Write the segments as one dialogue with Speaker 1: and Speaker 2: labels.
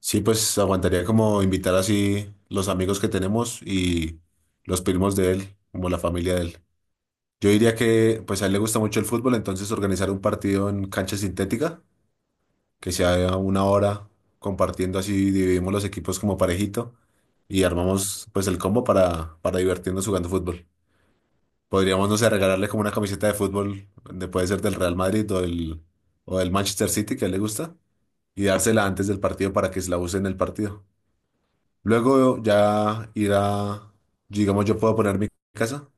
Speaker 1: Sí, pues aguantaría como invitar así los amigos que tenemos y los primos de él, como la familia de él. Yo diría que pues a él le gusta mucho el fútbol, entonces organizar un partido en cancha sintética, que sea una hora compartiendo así, dividimos los equipos como parejito y armamos pues el combo para divertirnos jugando fútbol. Podríamos, no sé, regalarle como una camiseta de fútbol, puede ser del Real Madrid o del Manchester City, que a él le gusta, y dársela antes del partido para que se la use en el partido. Luego ya ir a, digamos, yo puedo poner mi casa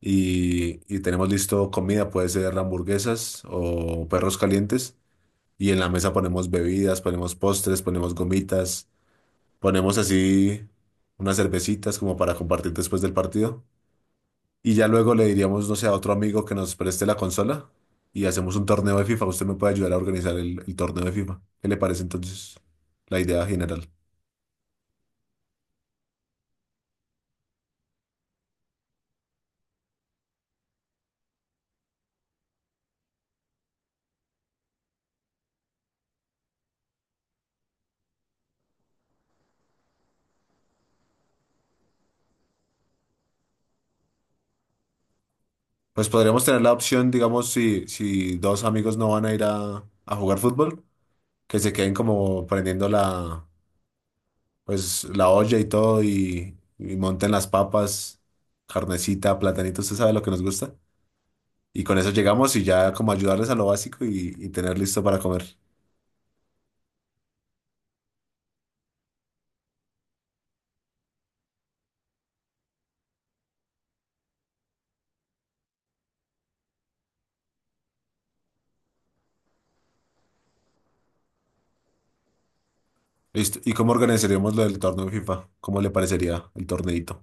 Speaker 1: y tenemos listo comida, puede ser hamburguesas o perros calientes. Y en la mesa ponemos bebidas, ponemos postres, ponemos gomitas, ponemos así unas cervecitas como para compartir después del partido. Y ya luego le diríamos, no sé, a otro amigo que nos preste la consola y hacemos un torneo de FIFA. Usted me puede ayudar a organizar el torneo de FIFA. ¿Qué le parece entonces la idea general? Pues podríamos tener la opción, digamos, si dos amigos no van a ir a jugar fútbol, que se queden como prendiendo la, pues, la olla y todo y monten las papas, carnecita, platanito, usted sabe lo que nos gusta. Y con eso llegamos y ya como ayudarles a lo básico y tener listo para comer. Listo. ¿Y cómo organizaríamos lo del torneo de FIFA? ¿Cómo le parecería el torneito?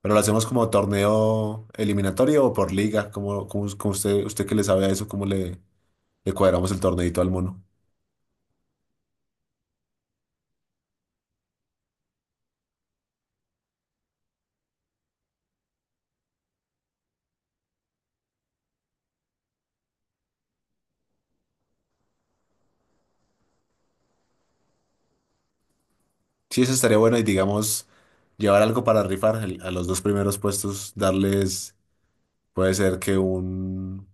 Speaker 1: ¿Pero lo hacemos como torneo eliminatorio o por liga? ¿Cómo usted, usted que le sabe a eso, cómo le, le cuadramos el torneito al mono? Sí, eso estaría bueno y digamos, llevar algo para rifar a los dos primeros puestos, darles, puede ser que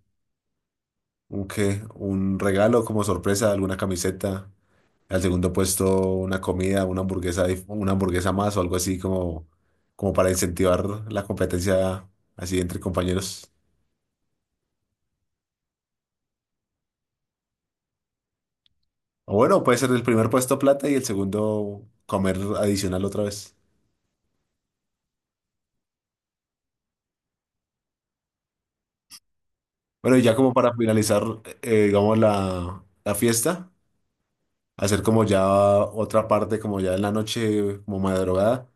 Speaker 1: un qué, un regalo como sorpresa, alguna camiseta, al segundo puesto una comida, una hamburguesa, una hamburguesa más o algo así como, como para incentivar la competencia así entre compañeros. O bueno, puede ser el primer puesto plata y el segundo comer adicional otra vez. Bueno, y ya como para finalizar, digamos, la fiesta. Hacer como ya otra parte, como ya en la noche, como madrugada,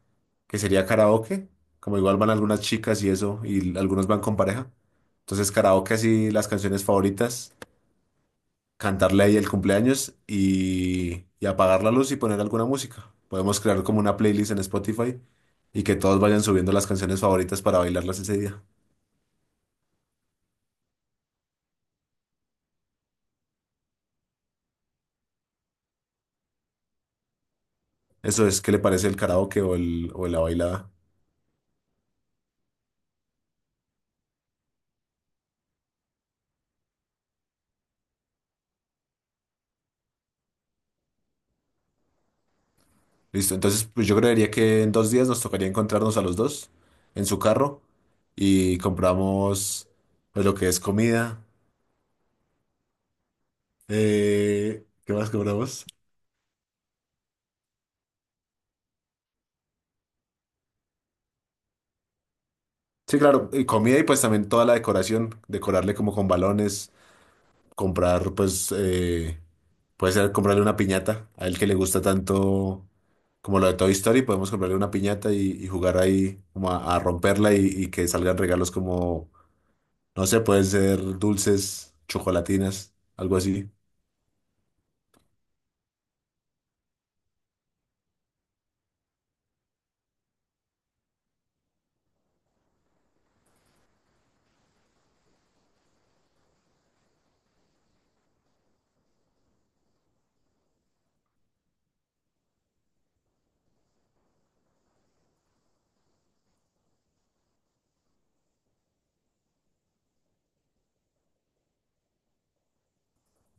Speaker 1: que sería karaoke, como igual van algunas chicas y eso, y algunos van con pareja. Entonces karaoke así las canciones favoritas, cantarle ahí el cumpleaños y apagar la luz y poner alguna música. Podemos crear como una playlist en Spotify y que todos vayan subiendo las canciones favoritas para bailarlas ese día. Eso es, ¿qué le parece el karaoke o el, o la bailada? Listo, entonces pues yo creería que en dos días nos tocaría encontrarnos a los dos en su carro y compramos pues, lo que es comida. ¿Qué más compramos? Sí, claro, y comida y pues también toda la decoración, decorarle como con balones, comprar pues, puede ser comprarle una piñata a él que le gusta tanto como lo de Toy Story, podemos comprarle una piñata y jugar ahí como a romperla y que salgan regalos como, no sé, pueden ser dulces, chocolatinas, algo así.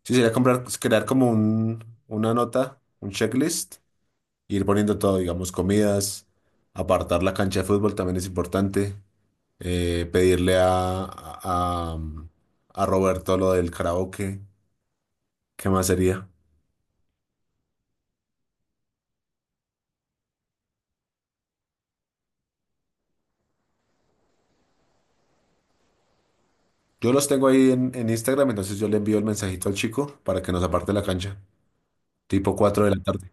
Speaker 1: Sí, sería comprar, pues, crear como un, una nota, un checklist, e ir poniendo todo, digamos, comidas, apartar la cancha de fútbol también es importante, pedirle a Roberto lo del karaoke, ¿qué más sería? Yo los tengo ahí en Instagram, entonces yo le envío el mensajito al chico para que nos aparte la cancha, tipo 4 de la tarde.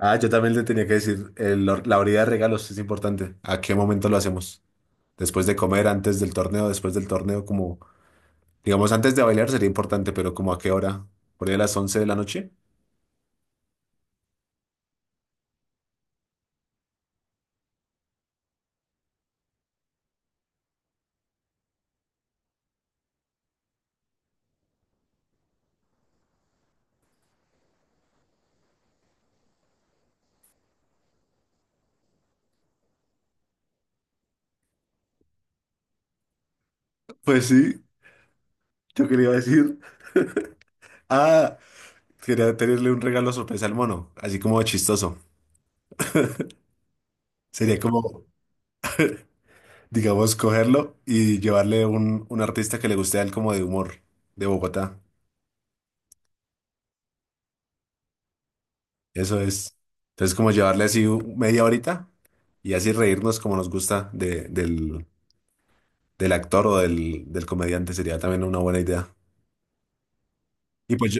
Speaker 1: Ah, yo también le tenía que decir, la horita de regalos es importante, ¿a qué momento lo hacemos? Después de comer, antes del torneo, después del torneo, como... Digamos, antes de bailar sería importante, pero ¿como a qué hora? ¿Por ahí a las 11 de la noche? Pues sí, yo quería decir. Ah, quería tenerle un regalo sorpresa al mono, así como chistoso. Sería como, digamos, cogerlo y llevarle un artista que le guste a él como de humor, de Bogotá. Eso es. Entonces, como llevarle así media horita y así reírnos como nos gusta del, del actor o del, del comediante sería también una buena idea. Y pues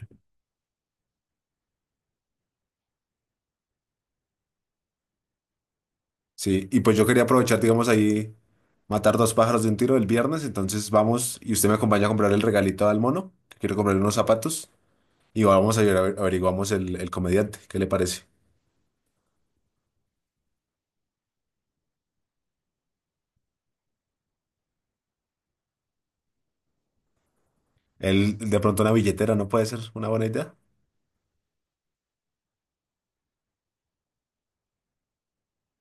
Speaker 1: sí, y pues yo quería aprovechar, digamos, ahí matar dos pájaros de un tiro el viernes, entonces vamos y usted me acompaña a comprar el regalito al mono, que quiero comprarle unos zapatos y averiguamos el comediante, ¿qué le parece? Él, de pronto una billetera, ¿no puede ser una buena idea?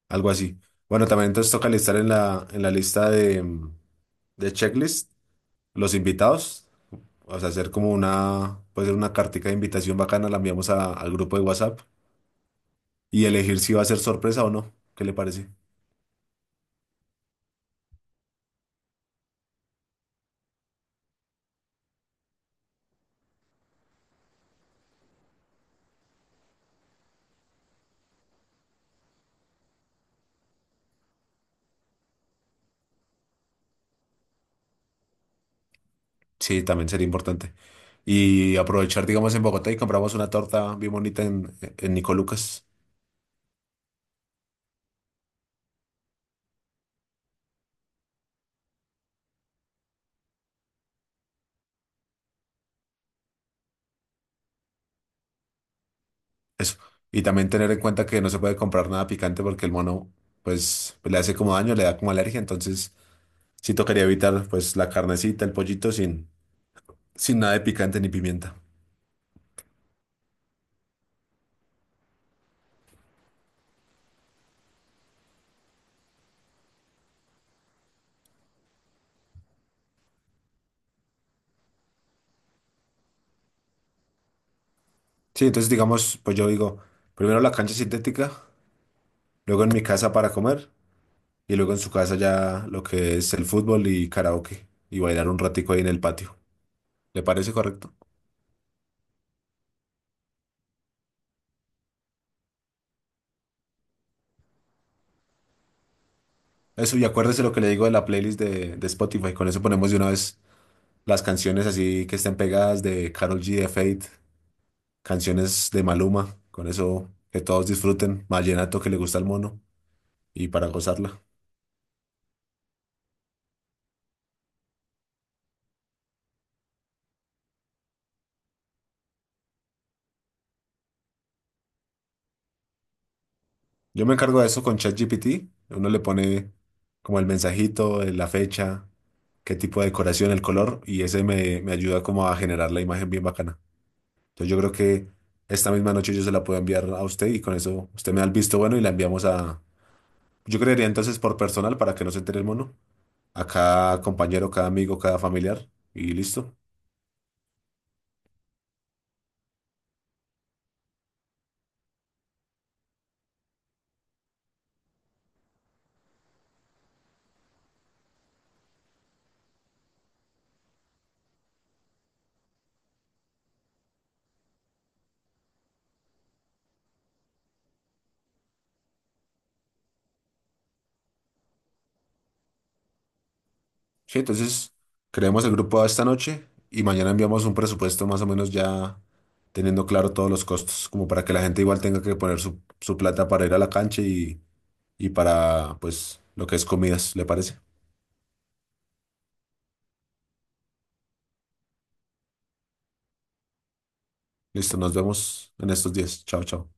Speaker 1: Algo así. Bueno, también entonces toca listar en la lista de, de checklist los invitados, o sea, hacer como una, puede ser una cartica de invitación bacana, la enviamos al grupo de WhatsApp y elegir si va a ser sorpresa o no, ¿qué le parece? Sí, también sería importante. Y aprovechar, digamos, en Bogotá y compramos una torta bien bonita en Nico Lucas. Eso. Y también tener en cuenta que no se puede comprar nada picante porque el mono, pues, le hace como daño, le da como alergia. Entonces, sí tocaría evitar, pues, la carnecita, el pollito sin, sin nada de picante ni pimienta. Sí, entonces, digamos, pues yo digo, primero la cancha sintética, luego en mi casa para comer y luego en su casa ya lo que es el fútbol y karaoke y bailar un ratico ahí en el patio. ¿Le parece correcto? Eso, y acuérdese lo que le digo de la playlist de Spotify. Con eso ponemos de una vez las canciones así que estén pegadas de Karol G, de Fate, canciones de Maluma. Con eso que todos disfruten. Vallenato que le gusta al mono y para gozarla. Yo me encargo de eso con ChatGPT. Uno le pone como el mensajito, la fecha, qué tipo de decoración, el color, y ese me, me ayuda como a generar la imagen bien bacana. Entonces yo creo que esta misma noche yo se la puedo enviar a usted y con eso usted me da el visto bueno y la enviamos a... Yo creería entonces por personal para que no se entere el mono. A cada compañero, cada amigo, cada familiar. Y listo. Sí, entonces creamos el grupo esta noche y mañana enviamos un presupuesto más o menos ya teniendo claro todos los costos, como para que la gente igual tenga que poner su, su plata para ir a la cancha y para pues lo que es comidas, ¿le parece? Listo, nos vemos en estos días. Chao, chao.